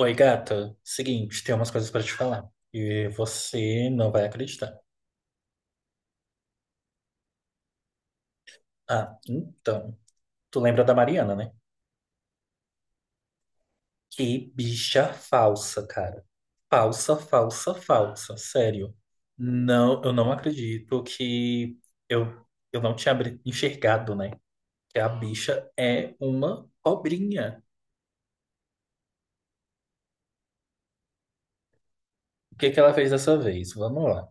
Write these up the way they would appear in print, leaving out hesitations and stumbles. Oi, gata. Seguinte, tem umas coisas pra te falar. E você não vai acreditar. Ah, então. Tu lembra da Mariana, né? Que bicha falsa, cara. Falsa, falsa, falsa. Sério. Não, eu não acredito que eu, eu não tinha enxergado, né? Que a bicha é uma cobrinha. O que que ela fez dessa vez? Vamos lá.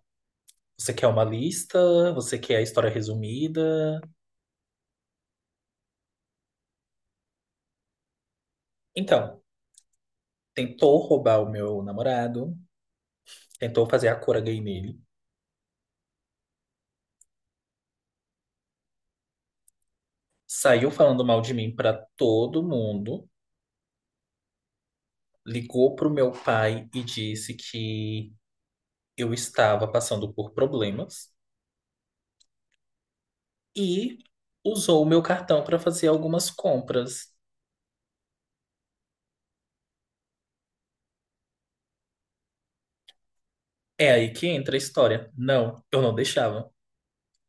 Você quer uma lista? Você quer a história resumida? Então, tentou roubar o meu namorado. Tentou fazer a cura gay nele, saiu falando mal de mim pra todo mundo, ligou pro meu pai e disse que eu estava passando por problemas e usou o meu cartão pra fazer algumas compras. É aí que entra a história. Não, eu não deixava.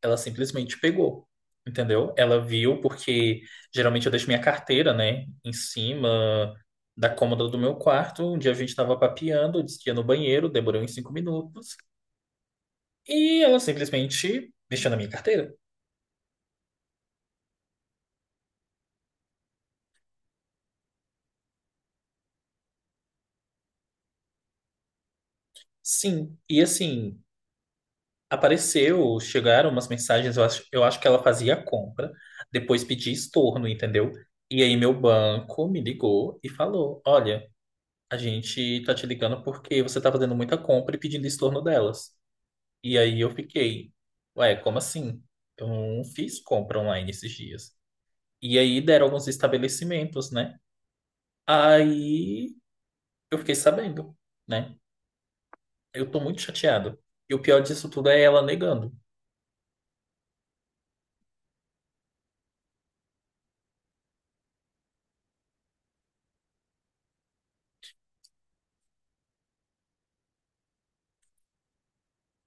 Ela simplesmente pegou. Entendeu? Ela viu porque geralmente eu deixo minha carteira, né, em cima da cômoda do meu quarto. Um dia a gente estava papeando, eu disse que ia no banheiro, demorei uns 5 minutos. E ela simplesmente mexeu na minha carteira. Sim. E assim, apareceu, chegaram umas mensagens, eu acho, que ela fazia a compra, depois pedi estorno, entendeu? E aí meu banco me ligou e falou: Olha, a gente tá te ligando porque você tá fazendo muita compra e pedindo estorno delas. E aí eu fiquei, ué, como assim? Eu não fiz compra online esses dias. E aí deram alguns estabelecimentos, né? Aí eu fiquei sabendo, né? Eu tô muito chateado. E o pior disso tudo é ela negando.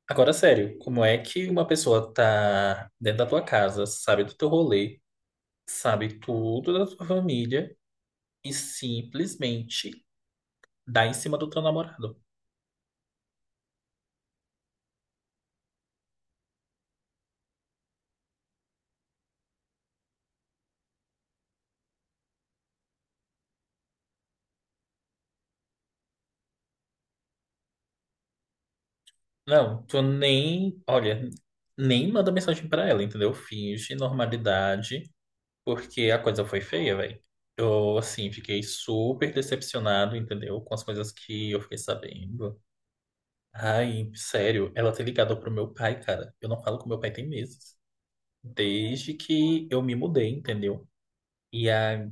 Agora, sério, como é que uma pessoa tá dentro da tua casa, sabe do teu rolê, sabe tudo da tua família e simplesmente dá em cima do teu namorado? Não, tu nem, olha, nem manda mensagem pra ela, entendeu? Finge normalidade, porque a coisa foi feia, velho. Eu, assim, fiquei super decepcionado, entendeu? Com as coisas que eu fiquei sabendo. Ai, sério, ela ter ligado pro meu pai, cara. Eu não falo com meu pai tem meses. Desde que eu me mudei, entendeu? E a,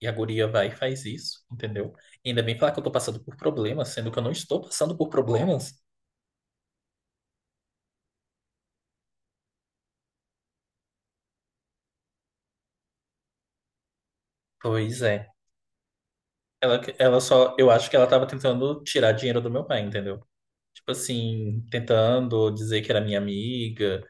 e a guria vai e faz isso, entendeu? Ainda bem falar que eu tô passando por problemas, sendo que eu não estou passando por problemas. Pois é. Ela só, eu acho que ela tava tentando tirar dinheiro do meu pai, entendeu? Tipo assim, tentando dizer que era minha amiga.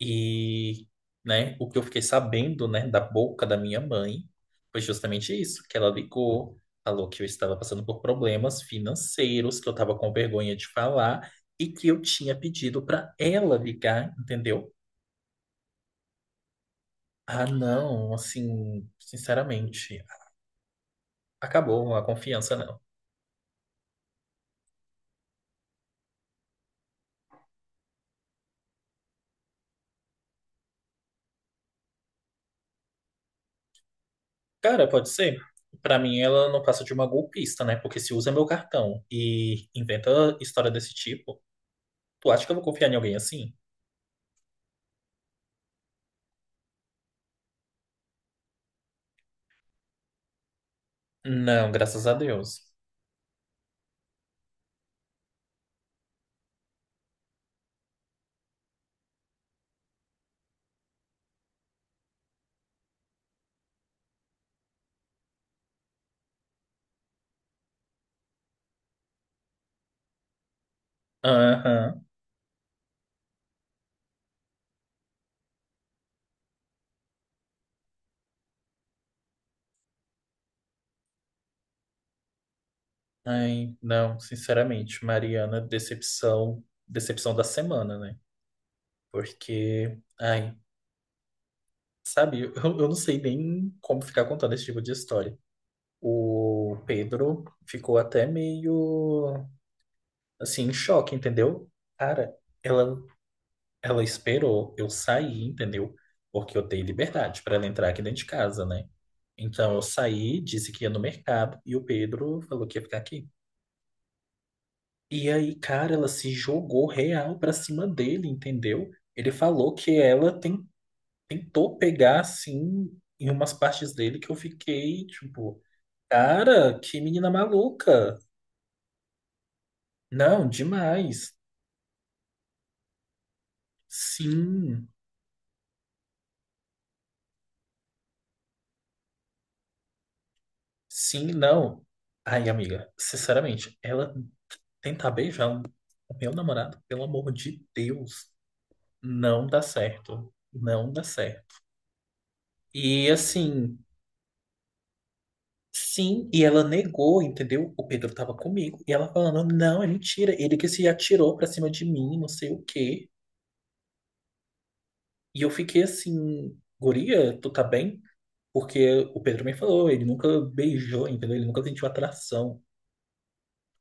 E, né, o que eu fiquei sabendo, né, da boca da minha mãe foi justamente isso, que ela ligou, falou que eu estava passando por problemas financeiros, que eu estava com vergonha de falar e que eu tinha pedido para ela ligar, entendeu? Ah, não, assim, sinceramente, acabou a confiança, não. Cara, pode ser. Pra mim, ela não passa de uma golpista, né? Porque se usa meu cartão e inventa história desse tipo, tu acha que eu vou confiar em alguém assim? Não, graças a Deus. Aham. Ai, não, sinceramente, Mariana, decepção, decepção da semana, né? Porque, ai, sabe, eu não sei nem como ficar contando esse tipo de história. O Pedro ficou até meio, assim, em choque, entendeu? Cara, ela, ela esperou eu sair, entendeu? Porque eu dei liberdade para ela entrar aqui dentro de casa, né? Então eu saí, disse que ia no mercado e o Pedro falou que ia ficar aqui. E aí, cara, ela se jogou real pra cima dele, entendeu? Ele falou que tentou pegar, assim, em umas partes dele que eu fiquei, tipo, cara, que menina maluca. Não, demais. Sim, sim, não. Ai, amiga, sinceramente, ela tentar beijar o meu namorado, pelo amor de Deus, não dá certo. Não dá certo. E assim. Sim, e ela negou, entendeu? O Pedro tava comigo. E ela falando, não, é mentira. Ele que se atirou pra cima de mim, não sei o quê. E eu fiquei assim, guria, tu tá bem? Porque o Pedro me falou, ele nunca beijou, entendeu? Ele nunca sentiu atração.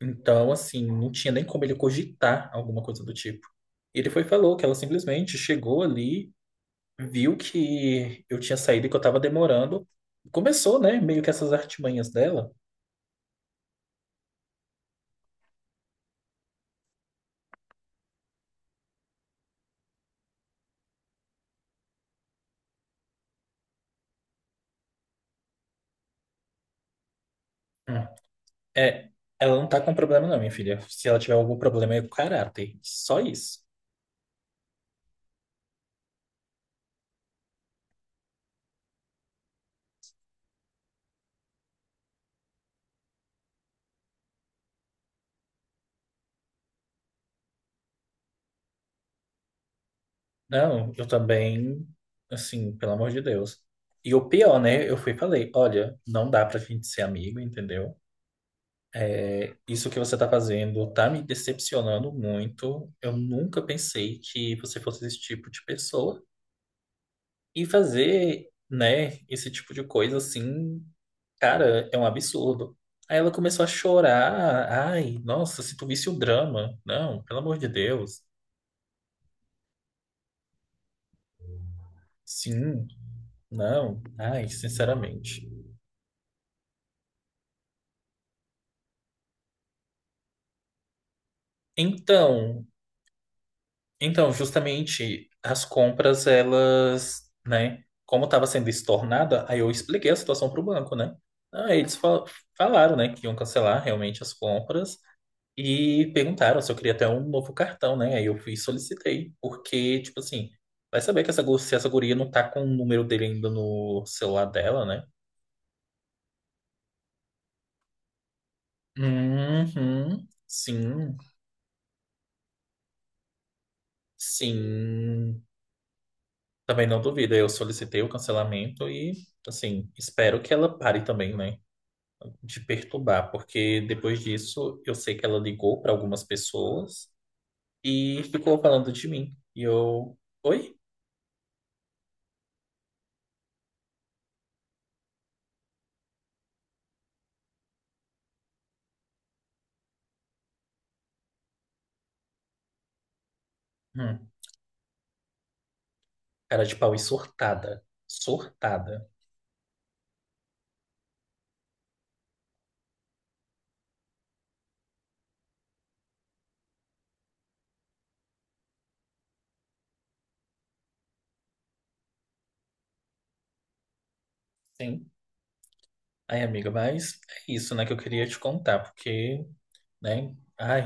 Então, assim, não tinha nem como ele cogitar alguma coisa do tipo. Ele foi e falou que ela simplesmente chegou ali, viu que eu tinha saído e que eu tava demorando. Começou, né, meio que essas artimanhas dela. É, ela não tá com problema não, minha filha. Se ela tiver algum problema é com o caráter. Só isso. Não, eu também, assim, pelo amor de Deus. E o pior, né? Eu fui e falei, olha, não dá pra gente ser amigo, entendeu? É, isso que você tá fazendo tá me decepcionando muito. Eu nunca pensei que você fosse esse tipo de pessoa. E fazer, né, esse tipo de coisa assim. Cara, é um absurdo. Aí ela começou a chorar. Ai, nossa, se tu visse o drama. Não, pelo amor de Deus. Sim, não. Ai, sinceramente. Então, então, justamente as compras, elas, né? Como estava sendo estornada, aí eu expliquei a situação para o banco, né? Aí eles fal- falaram, né, que iam cancelar realmente as compras. E perguntaram se eu queria até um novo cartão, né? Aí eu fui e solicitei, porque, tipo assim, vai saber que essa, se essa guria não tá com o número dele ainda no celular dela, né? Uhum, sim, sim. Também não duvido. Eu solicitei o cancelamento e, assim, espero que ela pare também, né? De perturbar, porque depois disso eu sei que ela ligou para algumas pessoas e ficou falando de mim. E eu, oi? Hum, cara de pau e surtada. Surtada. Sim. Ai, amiga, mas é isso, né, que eu queria te contar, porque, né, ai,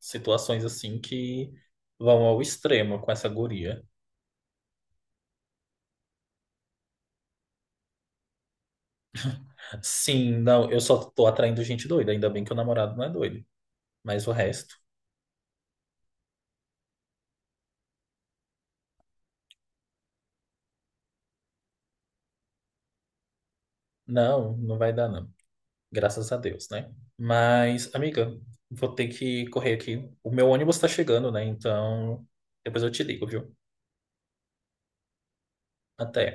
situações assim que vão ao extremo com essa guria. Sim, não, eu só tô atraindo gente doida, ainda bem que o namorado não é doido, mas o resto, não, não vai dar, não. Graças a Deus, né? Mas, amiga, vou ter que correr aqui. O meu ônibus tá chegando, né? Então, depois eu te ligo, viu? Até.